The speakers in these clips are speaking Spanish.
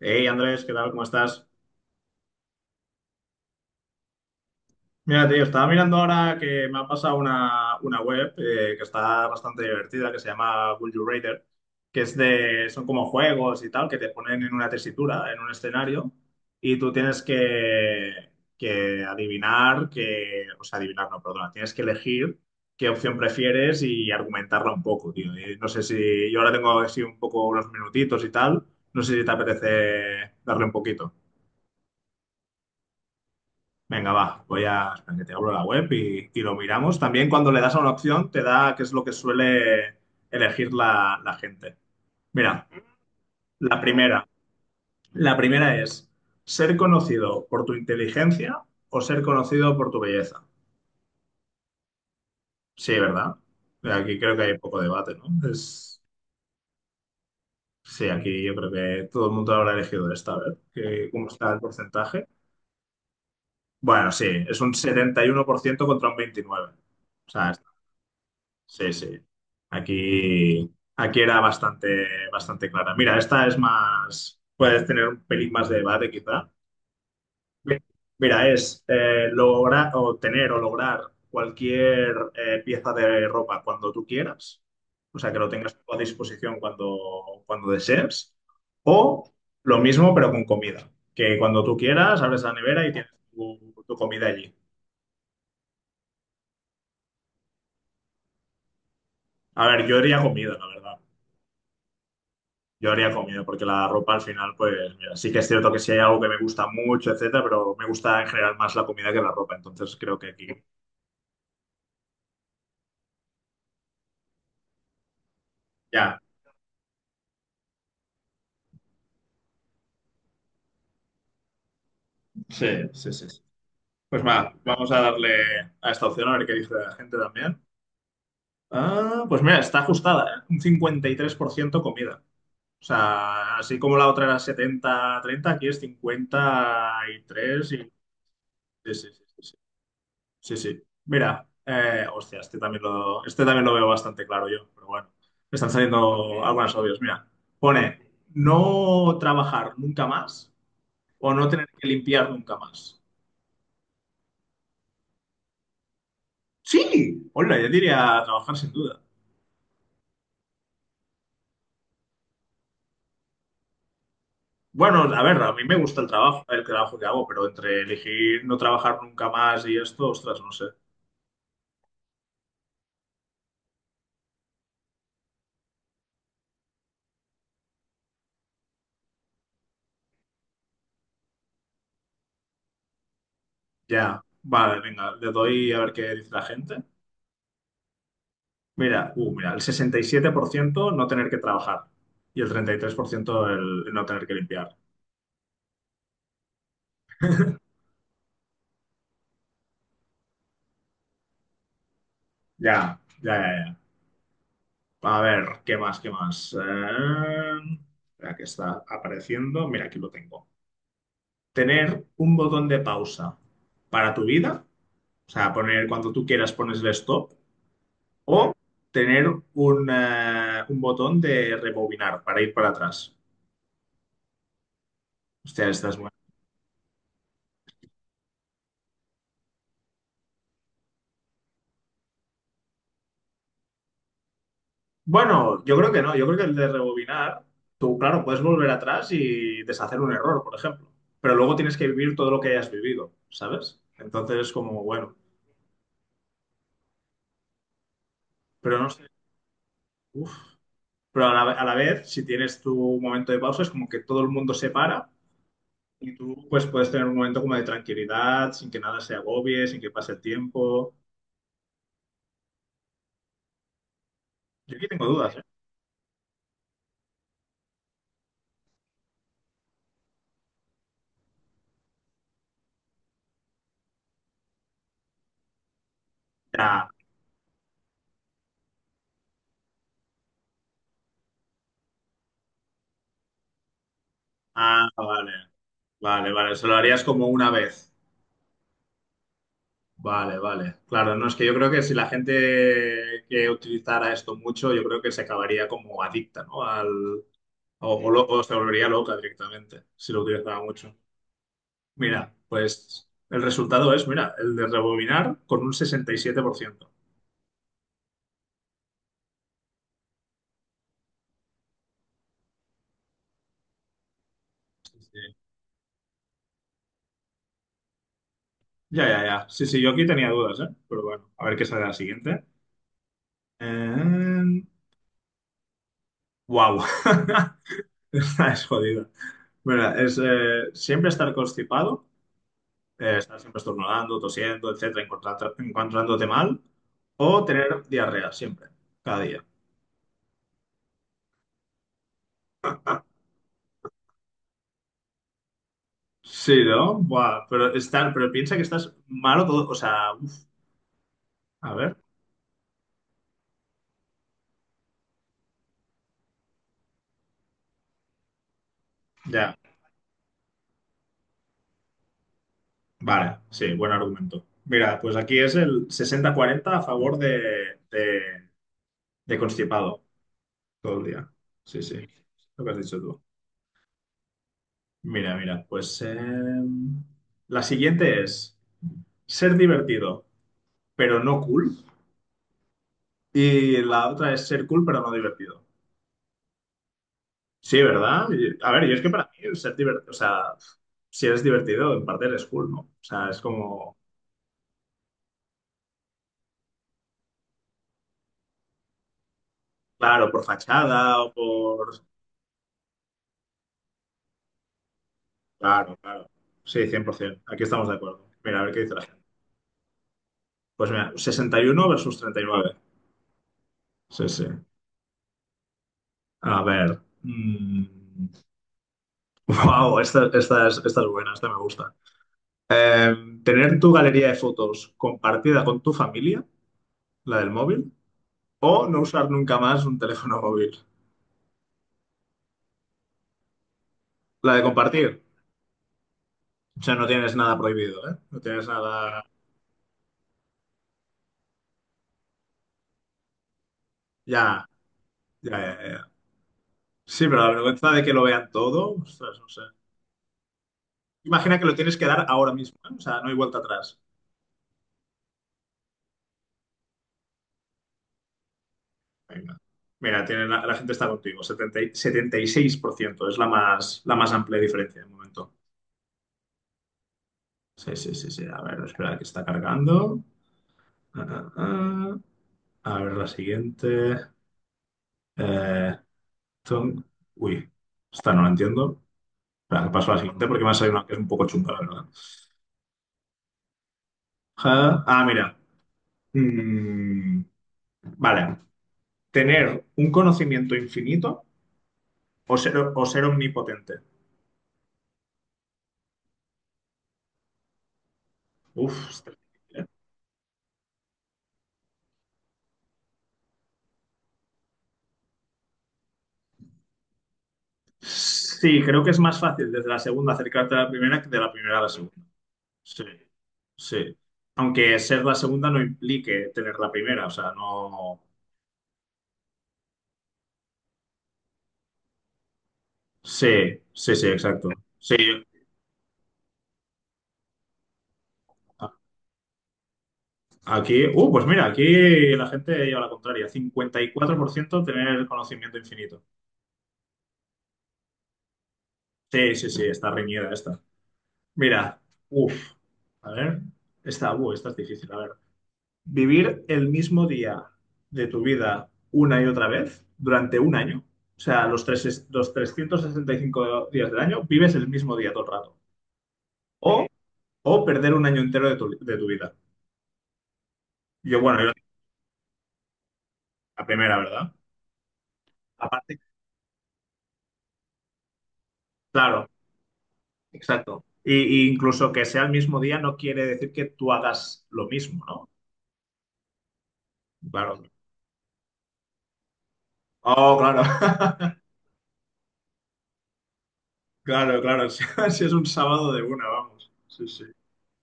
Hey Andrés, ¿qué tal? ¿Cómo estás? Mira, tío, estaba mirando ahora que me ha pasado una web que está bastante divertida, que se llama Would You Rather, son como juegos y tal, que te ponen en una tesitura, en un escenario, y tú tienes que adivinar que, o sea, adivinar, no, perdona, tienes que elegir qué opción prefieres y argumentarla un poco, tío. Y no sé si, yo ahora tengo así un poco unos minutitos y tal, no sé si te apetece darle un poquito. Venga, va, espera, que te abro la web y lo miramos. También cuando le das a una opción te da qué es lo que suele elegir la gente. Mira, la primera. La primera es ser conocido por tu inteligencia o ser conocido por tu belleza. Sí, ¿verdad? Aquí creo que hay poco debate, ¿no? Es... Sí, aquí yo creo que todo el mundo habrá elegido esta. A ver, ¿cómo está el porcentaje? Bueno, sí, es un 71% contra un 29%. O sea, sí, sí. Aquí, aquí era bastante, bastante clara. Mira, esta es más, puedes tener un pelín más de debate quizá. Mi- Mira, es lograr o tener o lograr cualquier pieza de ropa cuando tú quieras, o sea, que lo tengas a disposición cuando desees, o lo mismo pero con comida, que cuando tú quieras abres la nevera y tienes tu comida allí. A ver, yo diría comida, la verdad. Yo haría comida, porque la ropa al final, pues, mira, sí que es cierto que sí hay algo que me gusta mucho, etcétera, pero me gusta en general más la comida que la ropa. Entonces creo que aquí. Ya, sí, sí, sí. Sí. Pues va, vamos a darle a esta opción a ver qué dice la gente también. Ah, pues mira, está ajustada, ¿eh? Un 53% comida. O sea, así como la otra era 70-30 aquí es 53 y... tres y... Sí, sí, sí, sí, sí. Sí, sí. Mira, hostia, este también lo veo bastante claro yo, pero bueno, me están saliendo algunas obvias. Mira, pone no trabajar nunca más o no tener que limpiar nunca más. Sí, hola, yo diría trabajar sin duda. Bueno, a ver, a mí me gusta el trabajo que hago, pero entre elegir no trabajar nunca más y esto, ostras, no sé. Ya, vale, venga, le doy a ver qué dice la gente. Mira, mira, el 67% no tener que trabajar y el 33% el no tener que limpiar. Ya, ya, ya, ya. A ver, ¿qué más, qué más? Espera, que está apareciendo. Mira, aquí lo tengo. Tener un botón de pausa para tu vida, o sea, poner cuando tú quieras pones el stop, o tener un botón de rebobinar para ir para atrás. Hostia, esta es Bueno, yo creo que no. Yo creo que el de rebobinar, tú, claro, puedes volver atrás y deshacer un error, por ejemplo. Pero luego tienes que vivir todo lo que hayas vivido, ¿sabes? Entonces es como, bueno, pero no sé. Uf. Pero a la vez, si tienes tu momento de pausa, es como que todo el mundo se para y tú pues puedes tener un momento como de tranquilidad, sin que nada se agobie, sin que pase el tiempo. Yo aquí tengo dudas, ¿eh? Ya. Ah, vale, vale, vale. Se lo harías como una vez. Vale, vale. Claro, no es que yo creo que si la gente que utilizara esto mucho, yo creo que se acabaría como adicta, ¿no? Al, o lo- o se volvería loca directamente si lo utilizaba mucho. Mira, pues el resultado es, mira, el de rebobinar con un 67%. Sí, sí. Ya, ya, ya. Sí, sí, yo aquí tenía dudas, ¿eh? Pero bueno, a ver qué sale la siguiente. Wow. Esta es jodida. Mira, es siempre estar constipado estar siempre estornudando, tosiendo, etcétera, encontrándote mal, o tener diarrea siempre, cada día. Sí, ¿no? Buah, pero estar, pero piensa que estás malo todo, o sea, uf, a ver, ya, vale, sí, buen argumento. Mira, pues aquí es el 60-40 a favor de constipado todo el día. Sí, sí, lo que has dicho tú. Mira, mira, pues la siguiente es ser divertido, pero no cool, y la otra es ser cool pero no divertido. Sí, ¿verdad? Y- a ver, yo es que para mí el ser divertido, o sea, si eres divertido, en parte eres cool, ¿no? O sea, es como, claro, por fachada o por... Claro, claro. Sí, 100%. Aquí estamos de acuerdo. Mira, a ver qué dice la gente. Pues mira, 61 vs 39. Sí, sí. A ver. Wow, esta es buena, esta me gusta. Eh, tener tu galería de fotos compartida con tu familia, la del móvil, O no usar nunca más un teléfono móvil. La de compartir. O sea, no tienes nada prohibido, ¿eh? No tienes nada. Ya, ya, ya, ya. Sí, pero la vergüenza de que lo vean todo, ostras, no sé. Imagina que lo tienes que dar ahora mismo, ¿eh? O sea, no hay vuelta atrás. Venga. Mira, tiene la, la gente está contigo. Setenta y- 76% es la más amplia diferencia de momento. Sí, sí, sí, sí. A ver, espera, que está cargando. Ah, ah, ah. A ver, la siguiente. Eh, ton- Uy, esta no la entiendo. Espera, que paso a la siguiente porque me ha salido una que es un poco chunga, la verdad. Ja. Ah, mira. Mm, vale. ¿Tener un conocimiento infinito o ser omnipotente? Uf. Está difícil, ¿eh? Sí, creo que es más fácil desde la segunda acercarte a la primera que de la primera a la segunda. Sí, sí. Aunque ser la segunda no implique tener la primera, o sea, no. Sí, sí, sí, exacto. Sí. Aquí, pues mira, aquí la gente lleva la contraria. 54% tener conocimiento infinito. Sí, sí, sí, está reñida esta. Mira, uff, a ver, esta es difícil, a ver. Vivir el mismo día de tu vida una y otra vez durante un año. O sea, los 365 días del año vives el mismo día todo el rato. O, o perder un año entero de tu vida. Yo, bueno, yo la primera, ¿verdad? Aparte, claro, exacto. Y incluso que sea el mismo día no quiere decir que tú hagas lo mismo, ¿no? Claro. Oh, claro. Claro, claro. Si, si es un sábado de una, vamos. Sí, sí.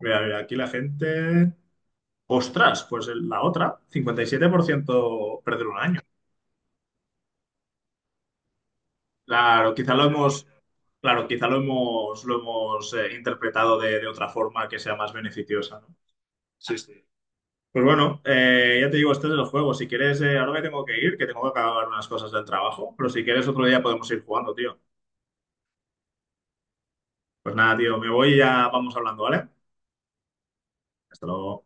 Mira, mira, aquí la gente. Ostras, pues la otra, 57% perder un año. Claro, lo hemos interpretado de otra forma que sea más beneficiosa, ¿no? Sí, sí. Pues bueno, ya te digo, este es el juego. Si quieres, ahora me tengo que ir, que tengo que acabar unas cosas del trabajo, pero si quieres otro día podemos ir jugando, tío. Pues nada, tío, me voy y ya vamos hablando, ¿vale? Hasta luego.